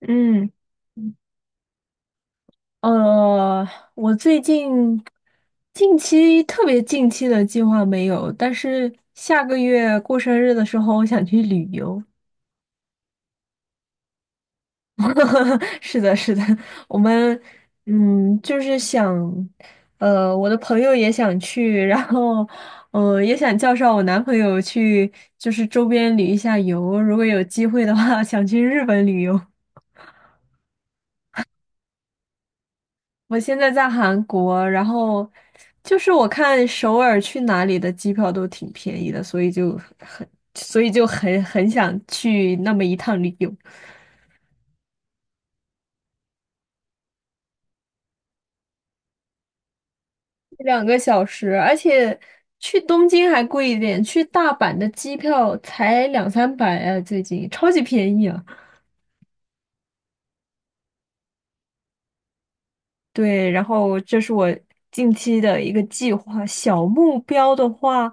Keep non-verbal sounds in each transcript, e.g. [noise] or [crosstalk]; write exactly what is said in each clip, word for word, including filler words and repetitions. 嗯。呃，我最近近期特别近期的计划没有，但是下个月过生日的时候，我想去旅游。[laughs] 是的，是的，我们嗯，就是想，呃，我的朋友也想去，然后呃，也想叫上我男朋友去，就是周边旅一下游。如果有机会的话，想去日本旅游。我现在在韩国，然后就是我看首尔去哪里的机票都挺便宜的，所以就很，所以就很很想去那么一趟旅游，两个小时，而且去东京还贵一点，去大阪的机票才两三百啊，最近超级便宜啊。对，然后这是我近期的一个计划，小目标的话，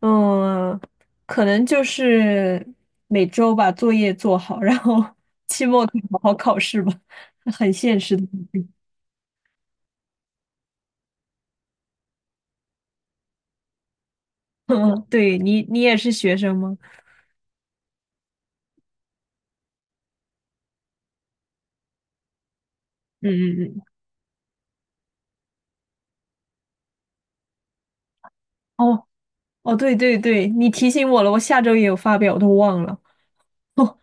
嗯，可能就是每周把作业做好，然后 [laughs] 期末可以好好考试吧，[laughs] 很现实的目标。[laughs] 嗯，对，你，你也是学生吗？嗯嗯嗯，哦哦，对对对，你提醒我了，我下周也有发表，我都忘了。[laughs]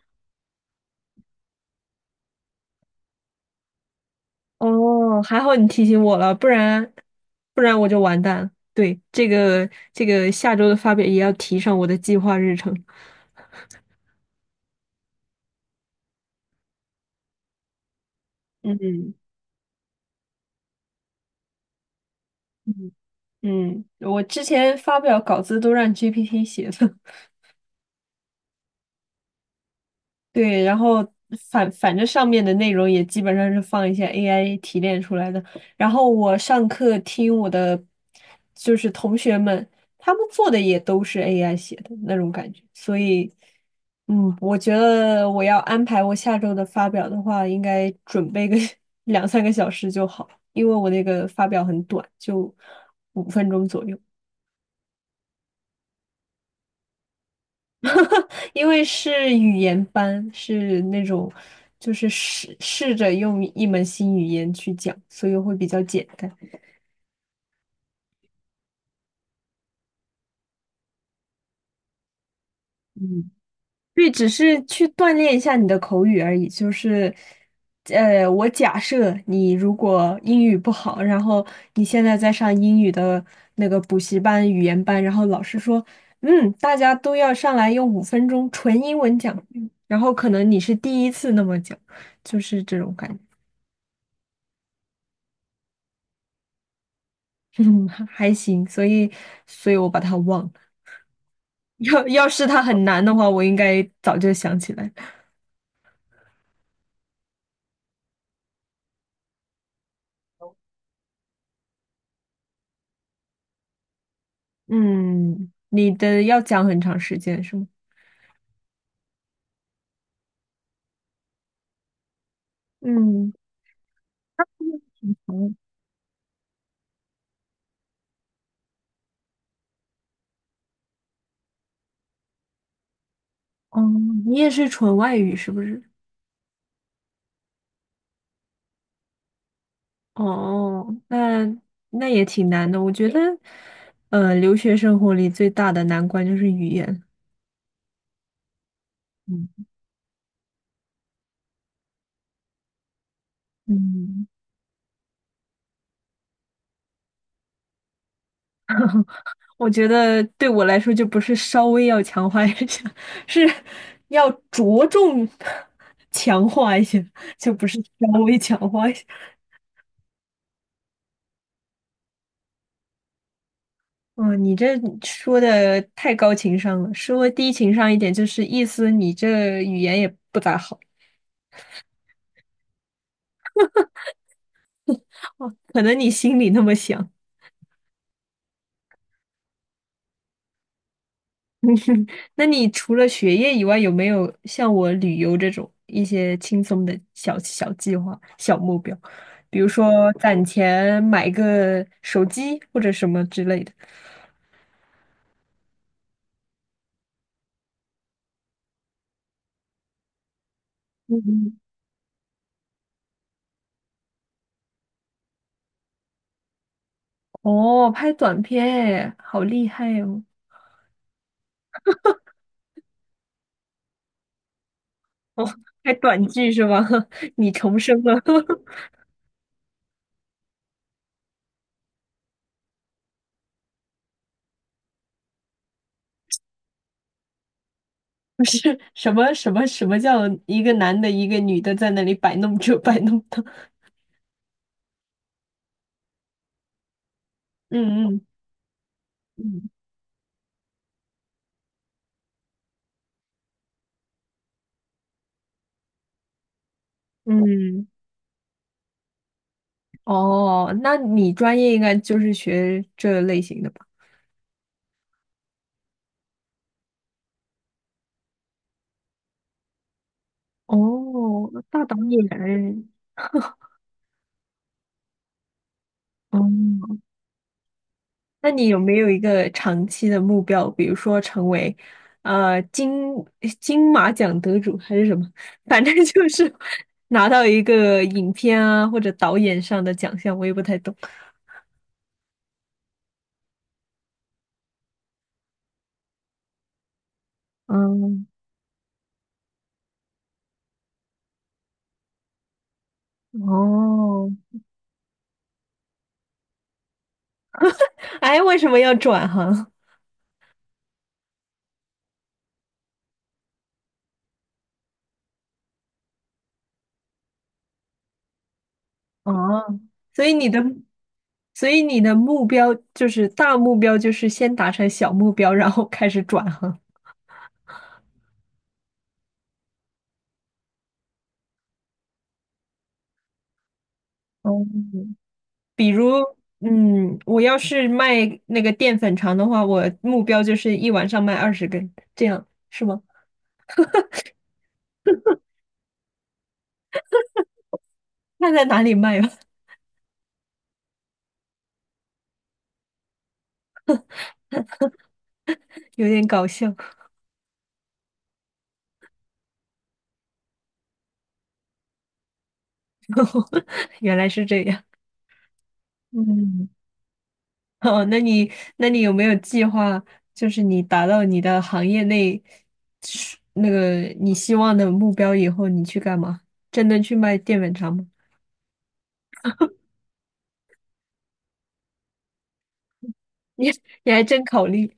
哦，还好你提醒我了，不然不然我就完蛋了。对，这个这个下周的发表也要提上我的计划日程。嗯嗯嗯，我之前发表稿子都让 G P T 写的，[laughs] 对，然后反反正上面的内容也基本上是放一些 A I 提炼出来的。然后我上课听我的就是同学们，他们做的也都是 A I 写的那种感觉，所以。嗯，我觉得我要安排我下周的发表的话，应该准备个 [laughs] 两三个小时就好，因为我那个发表很短，就五分钟左右。[laughs] 因为是语言班，是那种就是试试着用一门新语言去讲，所以会比较简单。嗯。对，只是去锻炼一下你的口语而已。就是，呃，我假设你如果英语不好，然后你现在在上英语的那个补习班、语言班，然后老师说，嗯，大家都要上来用五分钟纯英文讲，然后可能你是第一次那么讲，就是这种感觉。[laughs] 嗯，还行。所以，所以我把它忘了。要要是它很难的话，我应该早就想起来。嗯，你的要讲很长时间是吗？嗯。嗯哦，你也是纯外语是不是？哦，那那也挺难的。我觉得，呃，留学生活里最大的难关就是语言。嗯嗯，我觉得对我来说就不是稍微要强化一下，[laughs] 是要着重 [laughs] 强化一下，就不是稍微强化一下。嗯，你这说的太高情商了，稍微低情商一点就是意思你这语言也不咋好，哦，可能你心里那么想。那你除了学业以外，有没有像我旅游这种一些轻松的小小计划、小目标？比如说攒钱买个手机或者什么之类的。嗯，哦，拍短片哎，好厉害哦！哦，拍短剧是吗？[laughs] 你重生了，[laughs] 不是什么什么什么叫一个男的，一个女的在那里摆弄这摆弄那？嗯嗯嗯嗯，哦，那你专业应该就是学这类型的吧？哦，大导演哦，那你有没有一个长期的目标，比如说成为呃金金马奖得主还是什么？[laughs] 反正就是拿到一个影片啊或者导演上的奖项，我也不太懂。嗯，哦，哎，为什么要转行？[laughs] 哦，所以你的，所以你的目标就是大目标，就是先达成小目标，然后开始转行。哦，嗯，我要是卖那个淀粉肠的话，我目标就是一晚上卖二十根，这样是吗？那在哪里卖啊？[laughs] 有点搞笑，[laughs] 原来是这样。嗯，哦，那你那你有没有计划，就是你达到你的行业内是那个你希望的目标以后，你去干嘛？真的去卖淀粉肠吗？[laughs] 你你还真考虑。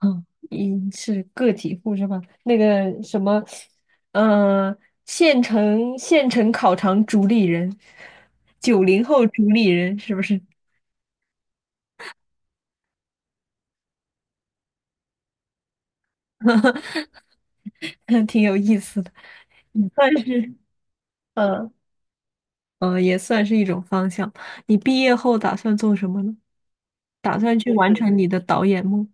嗯，一是个体户是吧？那个什么，呃，县城县城烤肠主理人，九零后主理人是不是？[laughs] 挺有意思的，算是呃呃，也算是一种方向。你毕业后打算做什么呢？打算去完成你的导演梦，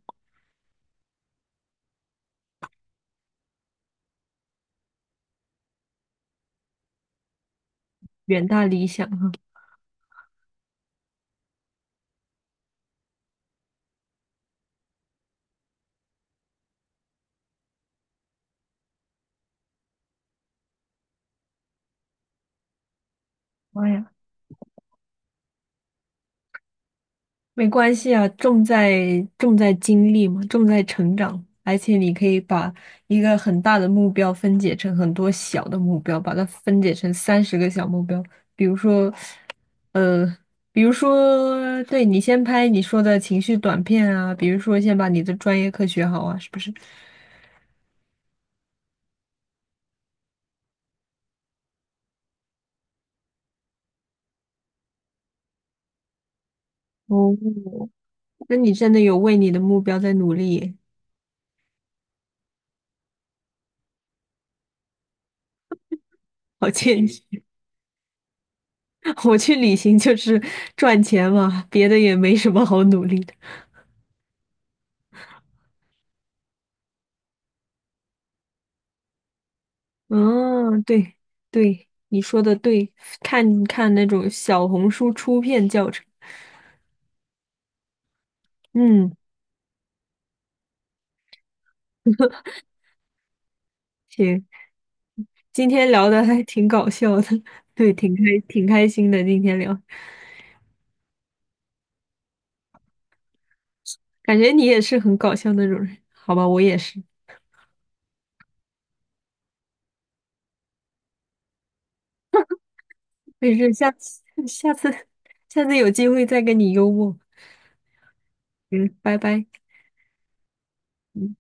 远大理想。妈呀！没关系啊，重在重在经历嘛，重在成长，而且你可以把一个很大的目标分解成很多小的目标，把它分解成三十个小目标。比如说，呃，比如说，对，你先拍你说的情绪短片啊，比如说先把你的专业课学好啊，是不是？哦，那你真的有为你的目标在努力耶。好建议。[laughs] 我去旅行就是赚钱嘛，别的也没什么好努力的。嗯，对对，你说的对，看看那种小红书出片教程。嗯，行，今天聊的还挺搞笑的，[laughs] 对，挺开挺开心的。今天聊，感觉你也是很搞笑那种人，好吧，我也是。没事，下次下次下次有机会再跟你幽默。嗯，拜拜。嗯。